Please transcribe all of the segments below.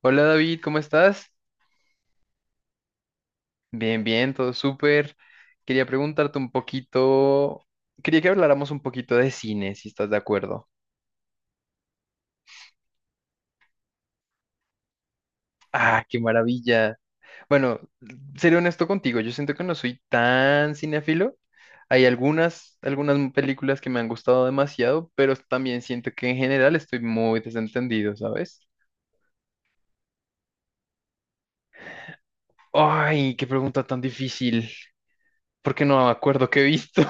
Hola David, ¿cómo estás? Bien, bien, todo súper. Quería preguntarte un poquito, quería que habláramos un poquito de cine, si estás de acuerdo. Ah, qué maravilla. Bueno, seré honesto contigo, yo siento que no soy tan cinéfilo. Hay algunas películas que me han gustado demasiado, pero también siento que en general estoy muy desentendido, ¿sabes? Ay, qué pregunta tan difícil, porque no me acuerdo qué he visto.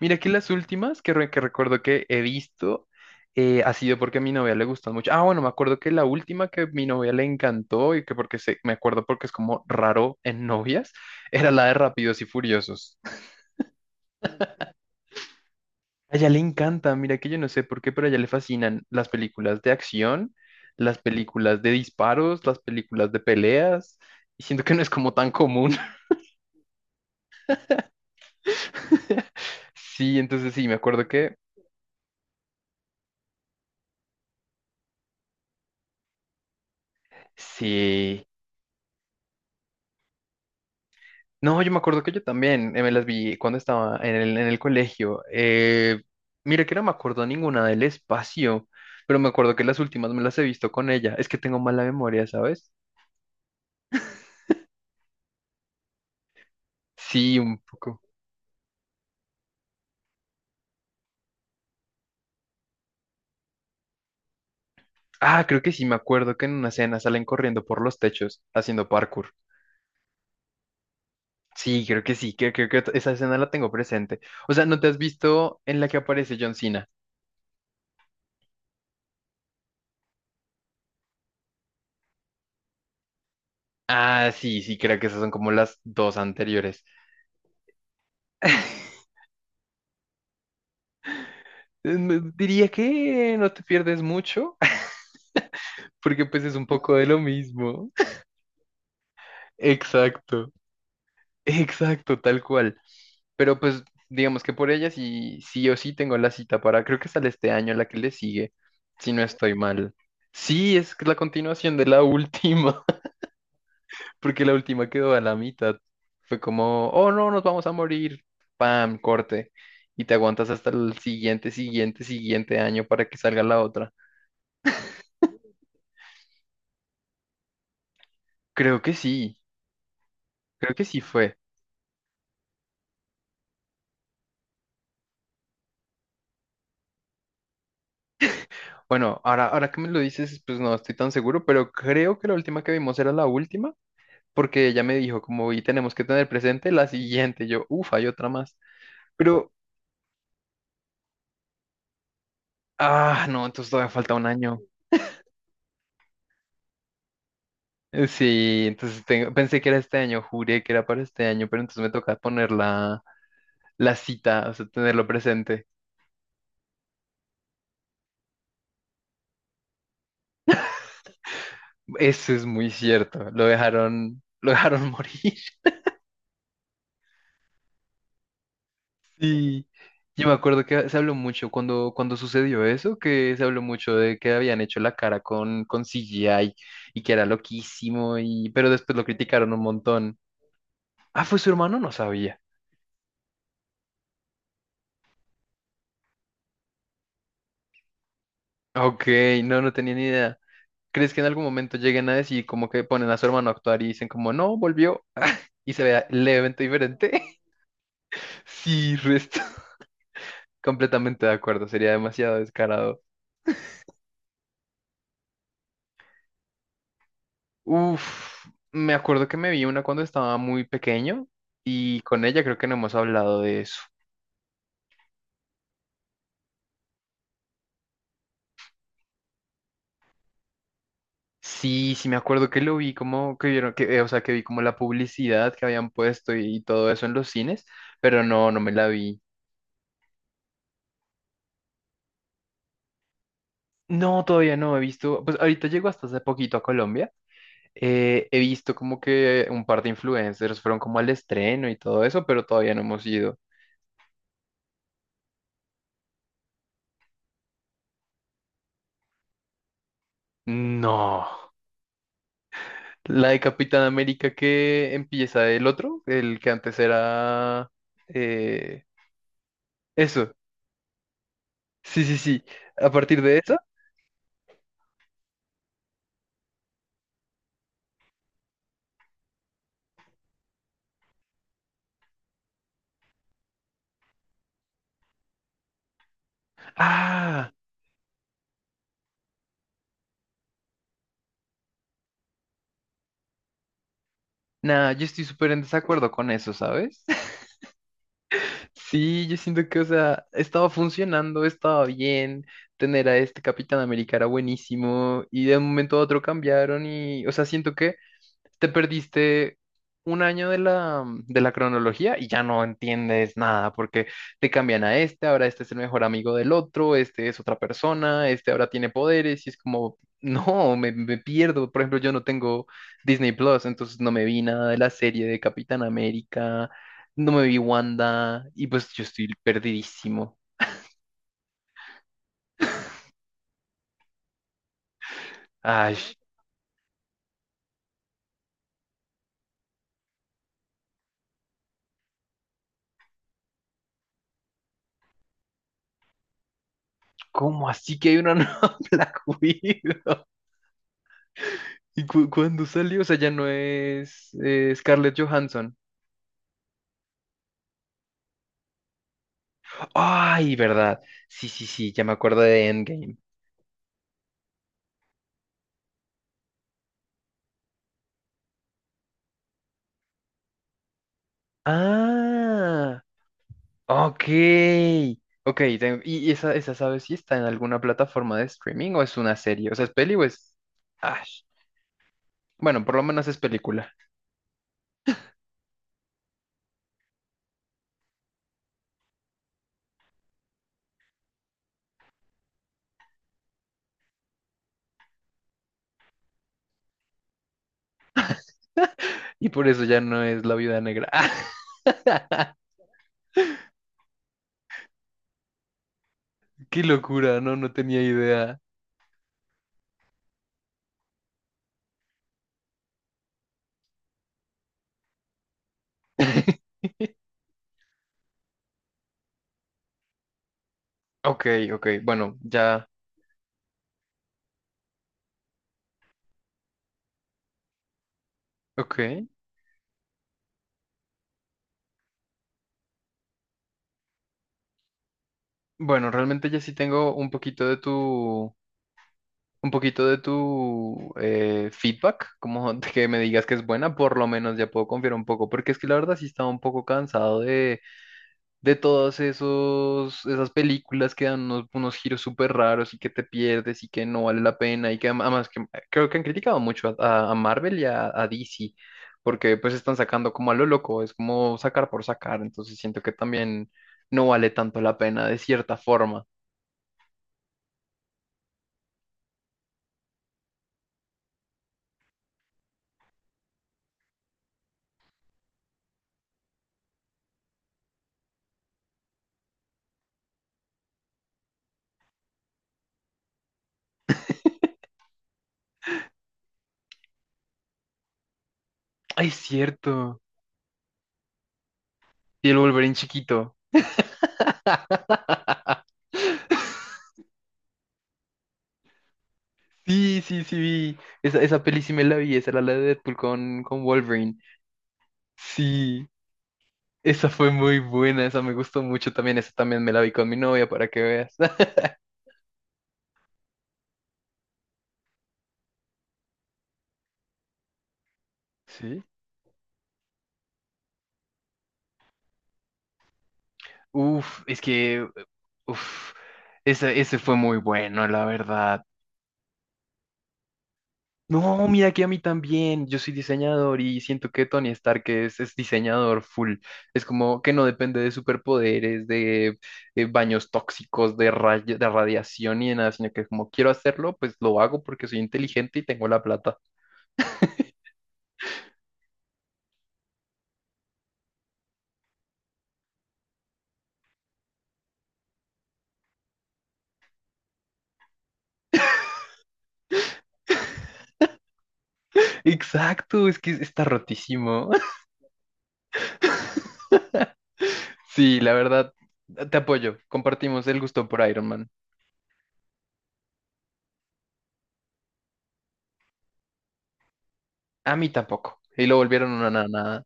Mira que las últimas que recuerdo que he visto ha sido porque a mi novia le gustan mucho. Ah, bueno, me acuerdo que la última que mi novia le encantó y que me acuerdo porque es como raro en novias, era la de Rápidos y Furiosos. A ella le encanta, mira que yo no sé por qué, pero a ella le fascinan las películas de acción, las películas de disparos, las películas de peleas, y siento que no es como tan común. Sí, entonces sí, me acuerdo que sí. No, yo me acuerdo que yo también me las vi cuando estaba en el colegio. Mira que no me acuerdo ninguna del espacio, pero me acuerdo que las últimas me las he visto con ella. Es que tengo mala memoria, ¿sabes? Sí, un poco. Ah, creo que sí, me acuerdo que en una escena salen corriendo por los techos haciendo parkour. Sí, creo que sí, creo que esa escena la tengo presente. O sea, ¿no te has visto en la que aparece John Cena? Ah, sí, sí, creo que esas son como las dos anteriores. Diría que no te pierdes mucho. Porque pues es un poco de lo mismo. Exacto, exacto, tal cual. Pero pues digamos que por ella sí, sí o sí tengo la cita para, creo que sale este año la que le sigue, si no estoy mal. Sí, es la continuación de la última, porque la última quedó a la mitad. Fue como, oh no, nos vamos a morir. Pam, corte. Y te aguantas hasta el siguiente año para que salga la otra. Creo que sí, creo que sí fue. Bueno, ahora que me lo dices, pues no estoy tan seguro, pero creo que la última que vimos era la última, porque ella me dijo como, y tenemos que tener presente la siguiente, yo, uff, hay otra más, pero, ah, no, entonces todavía falta un año. Sí, entonces pensé que era este año, juré que era para este año, pero entonces me toca poner la, la cita, o sea, tenerlo presente. Eso es muy cierto, lo dejaron morir. Sí, yo me acuerdo que se habló mucho cuando sucedió eso, que se habló mucho de que habían hecho la cara con CGI y que era loquísimo, y, pero después lo criticaron un montón. Ah, ¿fue su hermano? No sabía. Ok, no, no tenía ni idea. ¿Crees que en algún momento lleguen a decir como que ponen a su hermano a actuar y dicen como no, volvió y se vea levemente diferente? Sí, resto. Completamente de acuerdo, sería demasiado descarado. Uf, me acuerdo que me vi una cuando estaba muy pequeño y con ella creo que no hemos hablado de eso. Sí, sí me acuerdo que lo vi como que vieron que, o sea, que vi como la publicidad que habían puesto y todo eso en los cines, pero no, no me la vi. No, todavía no he visto, pues ahorita llego hasta hace poquito a Colombia. He visto como que un par de influencers fueron como al estreno y todo eso, pero todavía no hemos ido. No. La de Capitán América que empieza el otro, el que antes era... eh, eso, sí, sí, sí. A partir de eso... Ah, nada, yo estoy súper en desacuerdo con eso, ¿sabes? Sí, yo siento que, o sea, estaba funcionando, estaba bien, tener a este Capitán América era buenísimo y de un momento a otro cambiaron y, o sea, siento que te perdiste un año de la cronología y ya no entiendes nada porque te cambian a este, ahora este es el mejor amigo del otro, este es otra persona, este ahora tiene poderes y es como, no, me pierdo. Por ejemplo, yo no tengo Disney Plus, entonces no me vi nada de la serie de Capitán América. No me vi Wanda y pues yo estoy perdidísimo. Ay, ¿cómo así que hay una nueva Black Widow? ¿Y cuándo salió? O sea, ya no es Scarlett Johansson. Ay, verdad. Sí, sí, sí, ya me acuerdo de Endgame. Ah, ok. Ok, ¿y esa, esa sabes si está en alguna plataforma de streaming o es una serie? O sea, ¿es peli o es... Ay, bueno, por lo menos es película. Y por eso ya no es La Viuda Negra. Qué locura, no, no tenía idea. Ok, ok, bueno, ya, ok. Bueno, realmente ya sí tengo un poquito de tu, un poquito de tu feedback, como de que me digas que es buena, por lo menos ya puedo confiar un poco, porque es que la verdad sí estaba un poco cansado de esas películas que dan unos, unos giros súper raros y que te pierdes y que no vale la pena y que además que, creo que han criticado mucho Marvel y a DC porque pues están sacando como a lo loco, es como sacar por sacar, entonces siento que también no vale tanto la pena de cierta forma. Ay, es cierto. Y el Wolverine chiquito. Sí, sí, sí, vi. Esa peli sí me la vi, esa era la de Deadpool con Wolverine. Sí. Esa fue muy buena, esa me gustó mucho también. Esa también me la vi con mi novia para que veas. Sí. Uf, es que, uf, ese, ese fue muy bueno, la verdad. No, mira que a mí también, yo soy diseñador y siento que Tony Stark es diseñador full. Es como que no depende de superpoderes, de, baños tóxicos, de, de radiación y de nada, sino que como quiero hacerlo, pues lo hago porque soy inteligente y tengo la plata. Exacto, es que está rotísimo. Sí, la verdad, te apoyo. Compartimos el gusto por Iron Man. A mí tampoco. Y lo volvieron una nada.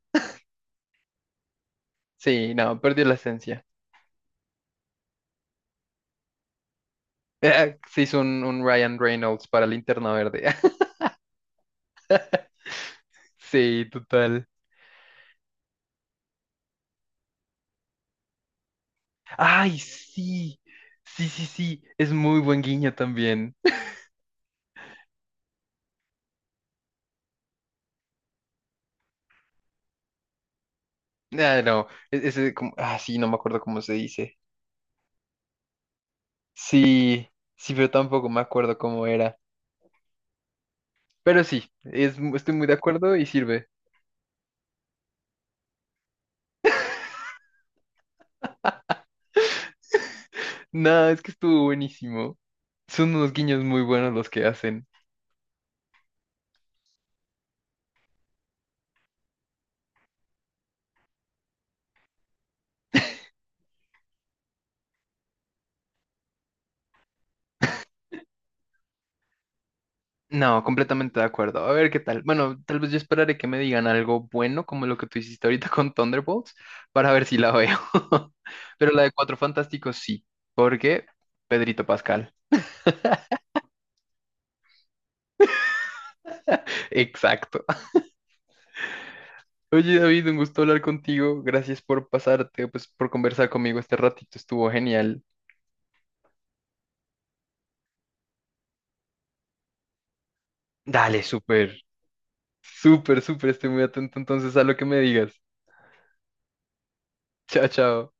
Sí, no, perdió la esencia. Se hizo un Ryan Reynolds para Linterna Verde. Sí, total. Ay, sí. Sí, sí, sí. Es muy buen guiño también. Ah, no. Ese, ah, sí, no me acuerdo cómo se dice. Sí, sí, pero tampoco me acuerdo cómo era. Pero sí, estoy muy de acuerdo y sirve. No, es que estuvo buenísimo. Son unos guiños muy buenos los que hacen. No, completamente de acuerdo. A ver qué tal. Bueno, tal vez yo esperaré que me digan algo bueno, como lo que tú hiciste ahorita con Thunderbolts, para ver si la veo. Pero la de Cuatro Fantásticos sí, porque Pedrito Pascal. Exacto. Oye, David, un gusto hablar contigo. Gracias por pasarte, pues por conversar conmigo este ratito. Estuvo genial. Dale, súper. Súper, súper. Estoy muy atento entonces a lo que me digas. Chao, chao.